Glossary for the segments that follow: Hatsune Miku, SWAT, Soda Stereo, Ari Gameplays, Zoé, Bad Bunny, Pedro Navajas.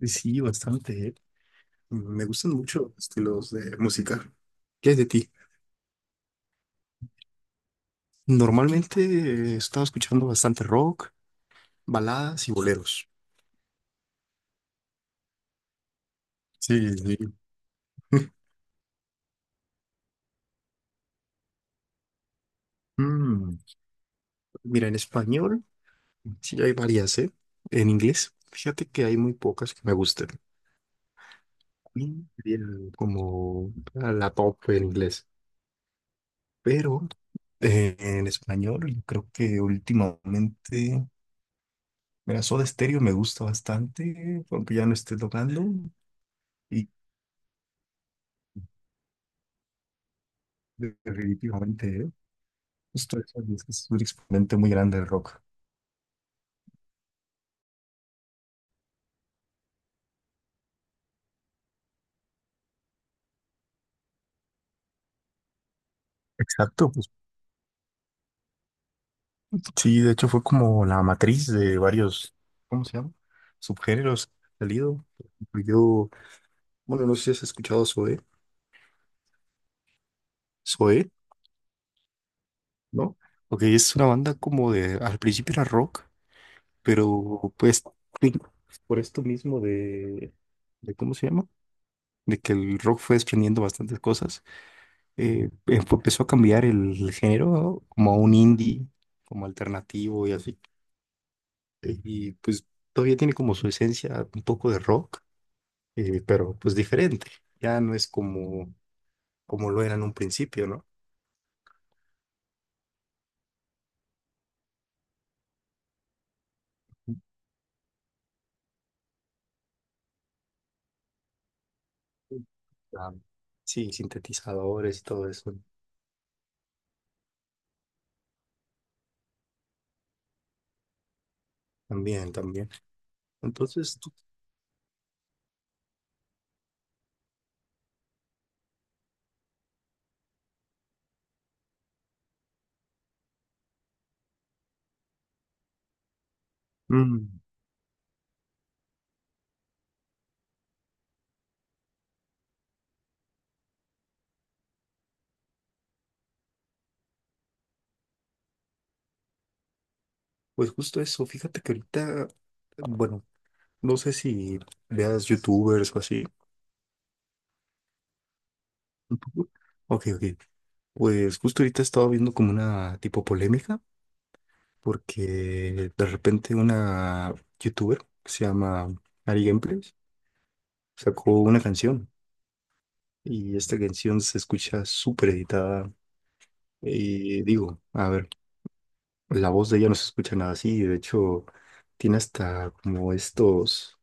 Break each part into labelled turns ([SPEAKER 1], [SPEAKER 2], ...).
[SPEAKER 1] Sí, sí, bastante, ¿eh? Me gustan mucho los estilos de música. ¿Qué es de ti? Normalmente he estado escuchando bastante rock, baladas y boleros. Sí, sí. Mm, mira, en español sí hay varias, ¿eh? En inglés, fíjate que hay muy pocas que me gusten. Queen sería como la top en inglés. Pero en español, yo creo que últimamente. Mira, Soda Stereo me gusta bastante, aunque ya no esté tocando. Y definitivamente, justo eso, es que es un exponente muy grande del rock. Exacto, pues sí, de hecho fue como la matriz de varios, ¿cómo se llama? Subgéneros que han salido. Por ejemplo, yo, bueno, no sé si has escuchado Zoé, Zoé, ¿no? Porque es una banda como de, al principio era rock, pero pues sí, por esto mismo ¿cómo se llama? De que el rock fue desprendiendo bastantes cosas. Empezó a cambiar el género, ¿no? Como a un indie, como alternativo y así. Y pues todavía tiene como su esencia un poco de rock, pero pues diferente. Ya no es como, como lo era en un principio, ¿no? Ah, sí, sintetizadores y todo eso. También, también. Entonces, mm, pues justo eso. Fíjate que ahorita, bueno, no sé si veas youtubers o así. Un poco. Ok, ok. Pues justo ahorita he estado viendo como una tipo polémica, porque de repente una youtuber que se llama Ari Gameplays sacó una canción y esta canción se escucha súper editada. Y digo, a ver, la voz de ella no se escucha nada así, de hecho tiene hasta como estos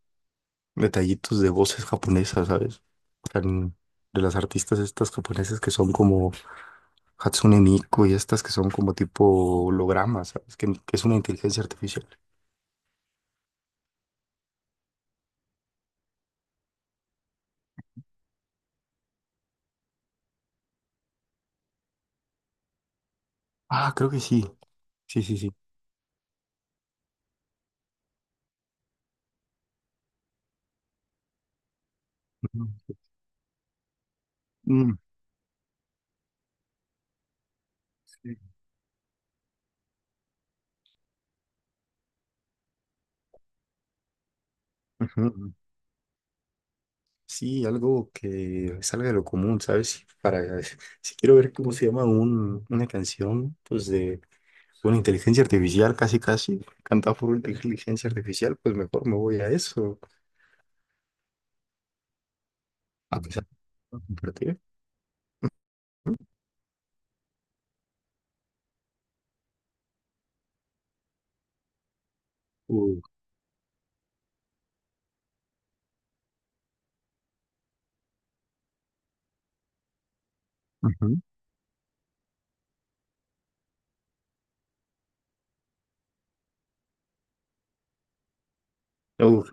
[SPEAKER 1] detallitos de voces japonesas, ¿sabes? O sea, en- de las artistas estas japonesas que son como Hatsune Miku y estas que son como tipo hologramas, ¿sabes? Que es una inteligencia artificial. Ah, creo que sí. Sí, sí, sí. Ujú. Mm. Sí. Ujú. Sí, algo que salga de lo común, ¿sabes? Para, si quiero ver cómo se llama una canción, pues de una inteligencia artificial, casi, casi, cantada por una inteligencia artificial, pues mejor me voy a eso. A pesar de compartir. Uh, ujú. Uh,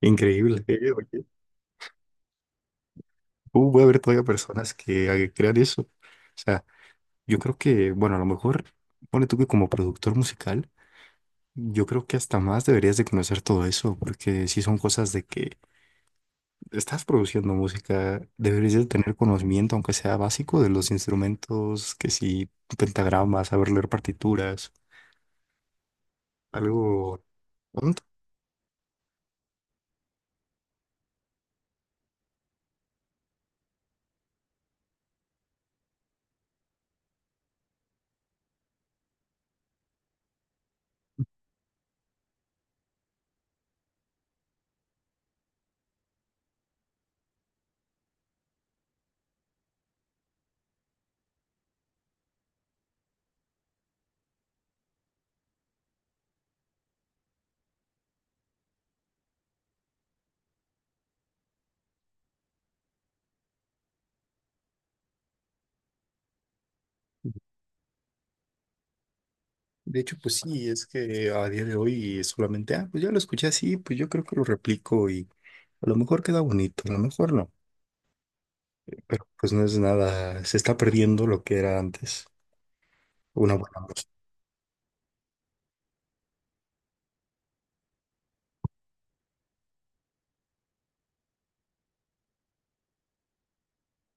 [SPEAKER 1] increíble. Oye. Puede haber todavía personas que crean eso. O sea, yo creo que, bueno, a lo mejor, pone tú que como productor musical, yo creo que hasta más deberías de conocer todo eso, porque si son cosas de que estás produciendo música, deberías de tener conocimiento, aunque sea básico, de los instrumentos, que si pentagramas, saber leer partituras, algo, un. De hecho, pues sí, es que a día de hoy es solamente, ah, pues ya lo escuché así, pues yo creo que lo replico y a lo mejor queda bonito, a lo mejor no, pero pues no es nada, se está perdiendo lo que era antes, una buena música.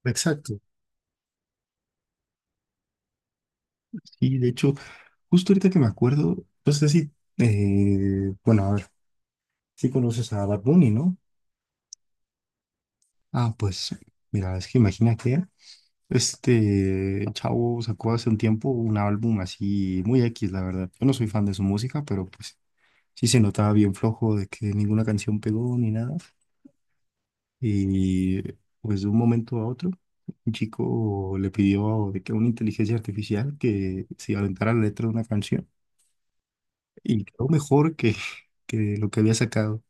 [SPEAKER 1] Exacto. Y de hecho, justo ahorita que me acuerdo, no sé si, bueno, a ver, si conoces a Bad Bunny, ¿no? Ah, pues, mira, es que imagina que este chavo sacó hace un tiempo un álbum así muy X, la verdad. Yo no soy fan de su música, pero pues sí se notaba bien flojo de que ninguna canción pegó ni nada. Y pues de un momento a otro, un chico le pidió de que una inteligencia artificial que se aventara la letra de una canción y quedó mejor que, que lo que había sacado.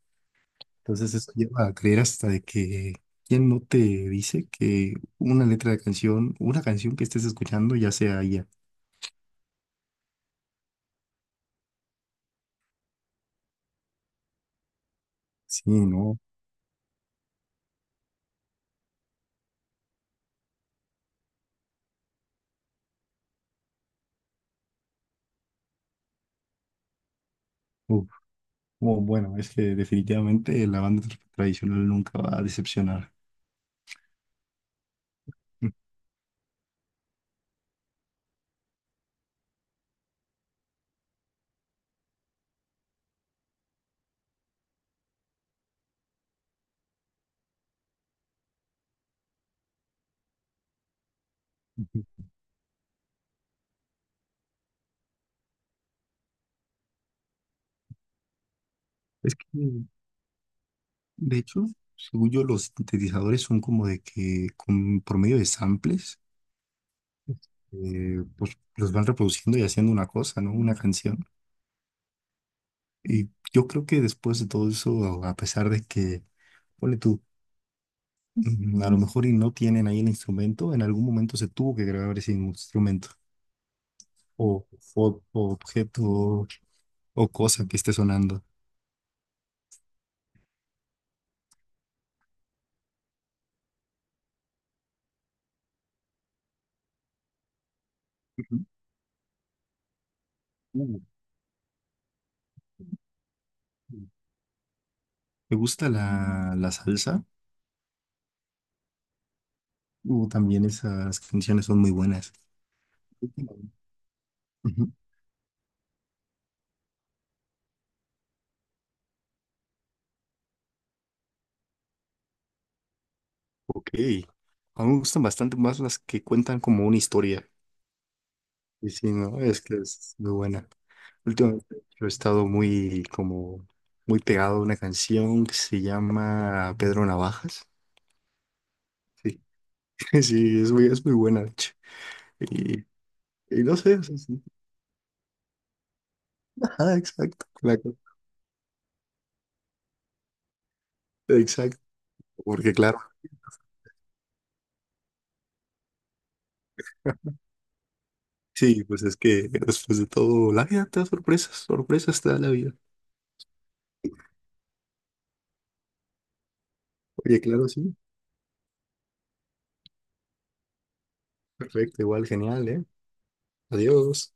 [SPEAKER 1] Entonces eso lleva a creer hasta de que quién no te dice que una letra de canción, una canción que estés escuchando ya sea ella. Sí, ¿no? Uf. Oh, bueno, es que definitivamente la banda tradicional nunca va a decepcionar. Es que de hecho, según yo, los sintetizadores son como de que con, por medio de samples, pues los van reproduciendo y haciendo una cosa, ¿no? Una canción. Y yo creo que después de todo eso, a pesar de que, ponle tú, mm, a lo mejor y no tienen ahí el instrumento, en algún momento se tuvo que grabar ese instrumento o, o objeto o, cosa que esté sonando. Ujú. Uh, Me gusta la salsa. También esas canciones son muy buenas. Ujú. Ok. A mí me gustan bastante más las que cuentan como una historia. Y sí, no, es que es muy buena. Últimamente yo he estado muy, como, muy pegado a una canción que se llama Pedro Navajas. Sí, sí, es muy buena, de hecho. Y, y no sé, o sea, sí. Ajá, exacto. Exacto. Porque claro, sí, pues es que después de todo, la vida te da sorpresas, sorpresas te da la vida. Oye, claro, sí. Perfecto, igual, genial, ¿eh? Adiós.